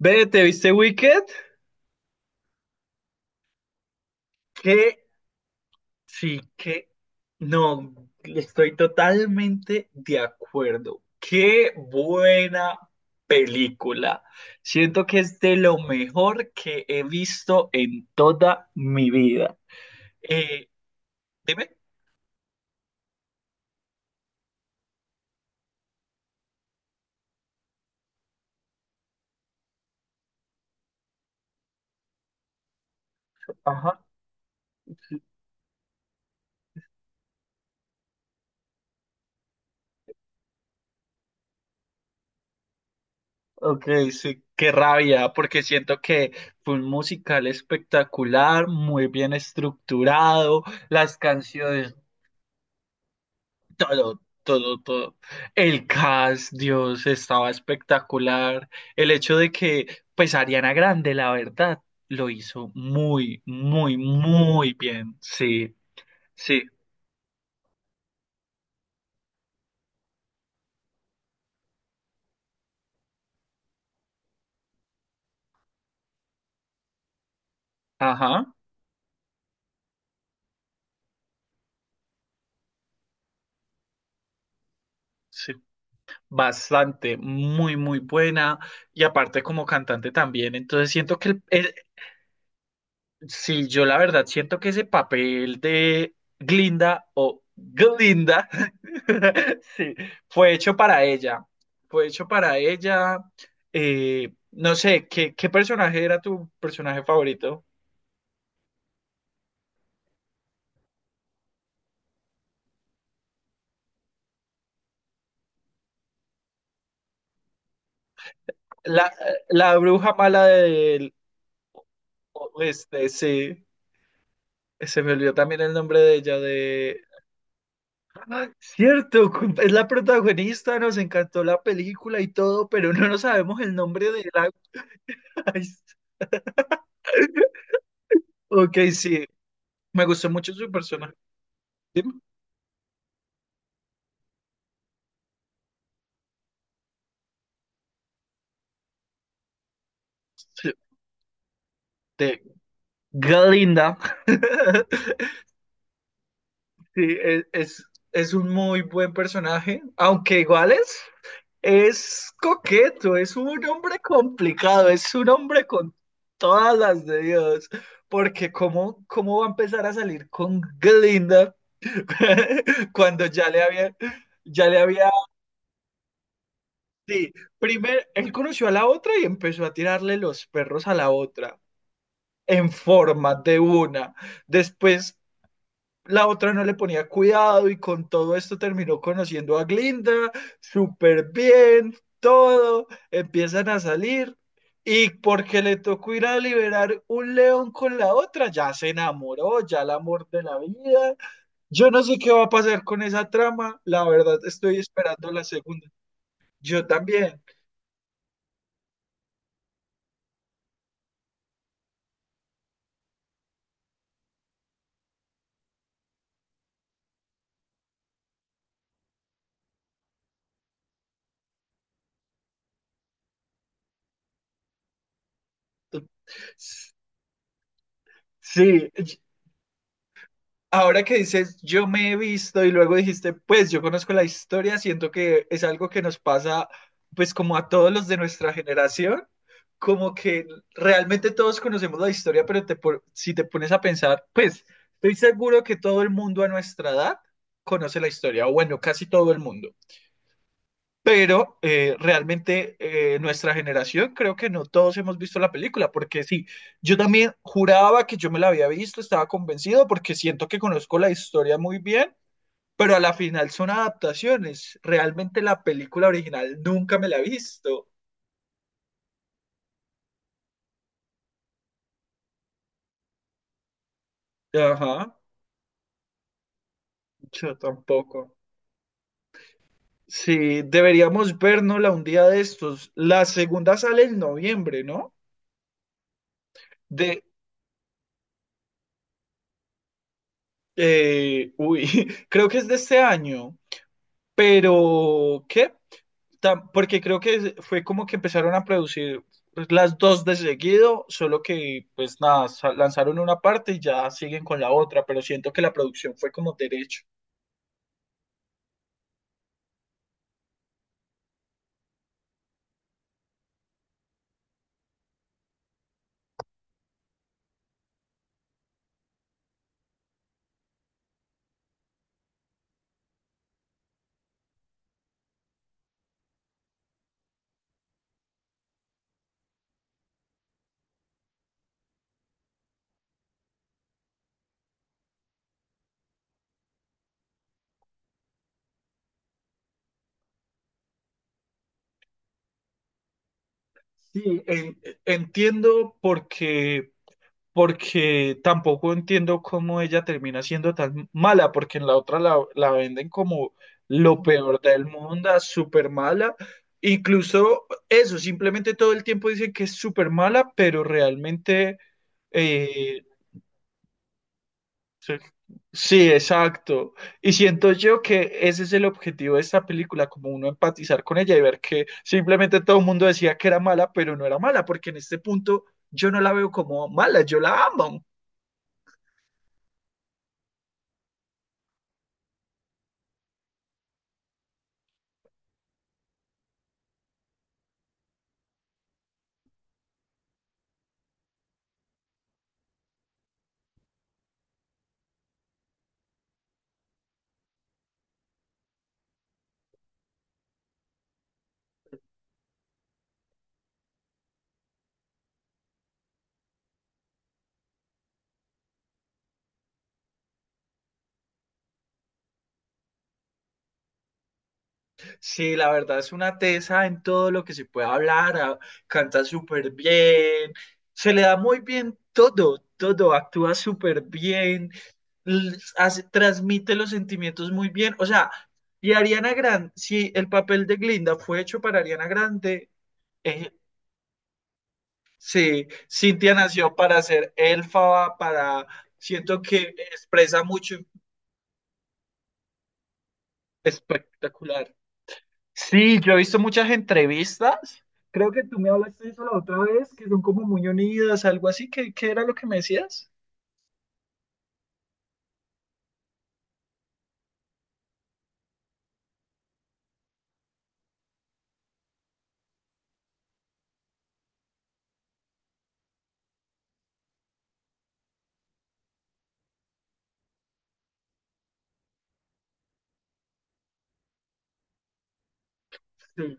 Ve, ¿te viste Wicked? Que sí, que no, estoy totalmente de acuerdo. Qué buena película. Siento que es de lo mejor que he visto en toda mi vida. Eh, dime. Ajá. Ok, sí, qué rabia, porque siento que fue un musical espectacular, muy bien estructurado, las canciones todo, todo, todo. El cast, Dios, estaba espectacular. El hecho de pues Ariana Grande, la verdad, lo hizo muy, muy, muy bien. Sí, sí, ajá, sí. Bastante, muy, muy buena. Y aparte como cantante también. Entonces siento que sí, yo la verdad siento que ese papel de Glinda o Glinda, sí, fue hecho para ella. Fue hecho para ella. No sé, ¿qué, qué personaje era tu personaje favorito? La, la bruja mala del oeste, sí. Se me olvidó también el nombre de ella, de... ¡Ah! Cierto, es la protagonista, nos encantó la película y todo, pero no nos sabemos el nombre de la... Ay, ok, sí, me gustó mucho su personaje. Dime. Sí, de Galinda. Sí, es un muy buen personaje, aunque igual es coqueto, es un hombre complicado, es un hombre con todas las de Dios. Porque cómo va a empezar a salir con Glinda cuando ya le ya le había, sí, primero, él conoció a la otra y empezó a tirarle los perros a la otra. En forma de una. Después la otra no le ponía cuidado y con todo esto terminó conociendo a Glinda, súper bien, todo, empiezan a salir y porque le tocó ir a liberar un león con la otra, ya se enamoró, ya el amor de la vida. Yo no sé qué va a pasar con esa trama, la verdad estoy esperando la segunda. Yo también. Sí, ahora que dices, yo me he visto y luego dijiste, pues yo conozco la historia, siento que es algo que nos pasa, pues como a todos los de nuestra generación, como que realmente todos conocemos la historia, pero si te pones a pensar, pues estoy seguro que todo el mundo a nuestra edad conoce la historia, o bueno, casi todo el mundo. Pero realmente nuestra generación creo que no todos hemos visto la película, porque sí, yo también juraba que yo me la había visto, estaba convencido porque siento que conozco la historia muy bien, pero a la final son adaptaciones. Realmente la película original nunca me la he visto. Ajá, yo tampoco. Sí, deberíamos vernosla un día de estos. La segunda sale en noviembre, ¿no? De, creo que es de este año. Pero, ¿qué? Porque creo que fue como que empezaron a producir pues, las dos de seguido, solo que pues nada, lanzaron una parte y ya siguen con la otra, pero siento que la producción fue como derecho. Sí, entiendo porque tampoco entiendo cómo ella termina siendo tan mala, porque en la otra la venden como lo peor del mundo, súper mala. Incluso eso, simplemente todo el tiempo dicen que es súper mala, pero realmente eh, sí, exacto. Y siento yo que ese es el objetivo de esta película, como uno empatizar con ella y ver que simplemente todo el mundo decía que era mala, pero no era mala, porque en este punto yo no la veo como mala, yo la amo. Sí, la verdad es una tesa en todo lo que se puede hablar, canta súper bien, se le da muy bien todo, todo, actúa súper bien, transmite los sentimientos muy bien, o sea, y Ariana Grande, si el papel de Glinda fue hecho para Ariana Grande, eh, sí, Cintia nació para ser Elfaba, para, siento que expresa mucho, espectacular. Sí, yo he visto muchas entrevistas. Creo que tú me hablaste de eso la otra vez, que son como muy unidas, algo así. ¿Qué, qué era lo que me decías? Sí.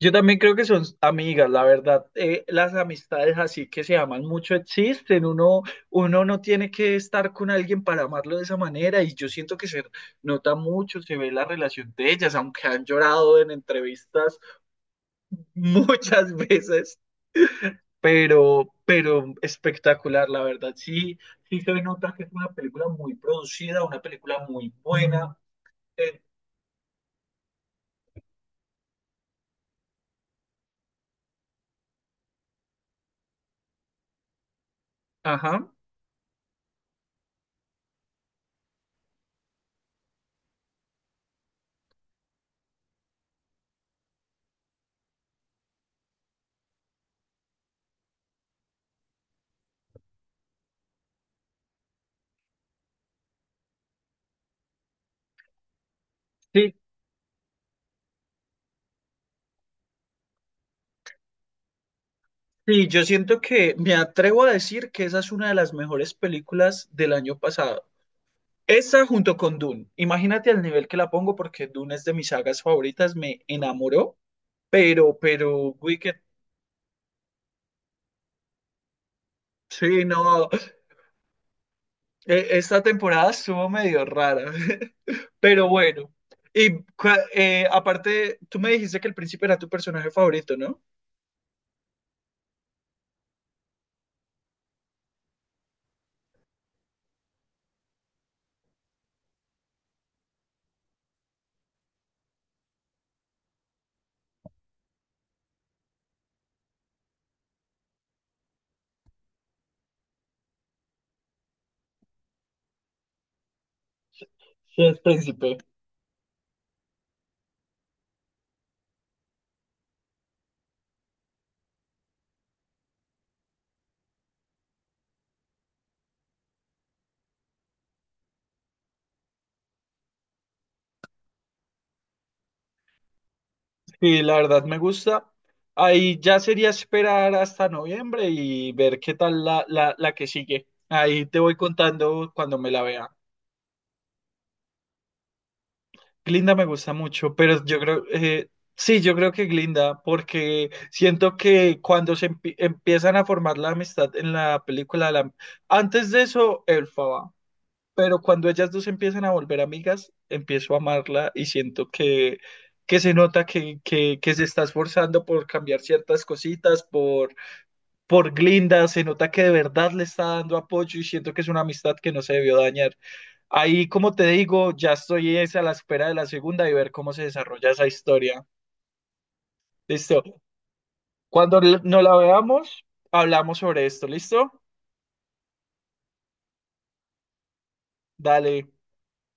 Yo también creo que son amigas, la verdad. Las amistades así que se aman mucho existen. Uno no tiene que estar con alguien para amarlo de esa manera. Y yo siento que se nota mucho, se ve la relación de ellas, aunque han llorado en entrevistas muchas veces. Pero, pero espectacular, la verdad. Sí, sí se nota que es una película muy producida, una película muy buena. Eh, ajá. Sí, sí, yo siento que me atrevo a decir que esa es una de las mejores películas del año pasado. Esa junto con Dune. Imagínate al nivel que la pongo porque Dune es de mis sagas favoritas, me enamoró, pero, Wicked, sí, no. Esta temporada estuvo medio rara, pero bueno. Y aparte, tú me dijiste que el príncipe era tu personaje favorito, ¿no? Sí, el príncipe. Sí, la verdad me gusta. Ahí ya sería esperar hasta noviembre y ver qué tal la que sigue. Ahí te voy contando cuando me la vea. Glinda me gusta mucho, pero yo creo, sí, yo creo que Glinda, porque siento que cuando se empiezan a formar la amistad en la película, antes de eso, Elphaba, pero cuando ellas dos empiezan a volver amigas, empiezo a amarla y siento que se nota que se está esforzando por cambiar ciertas cositas, por Glinda, se nota que de verdad le está dando apoyo y siento que es una amistad que no se debió dañar. Ahí, como te digo, ya estoy es a la espera de la segunda y ver cómo se desarrolla esa historia. Listo. Cuando nos la veamos, hablamos sobre esto. ¿Listo? Dale.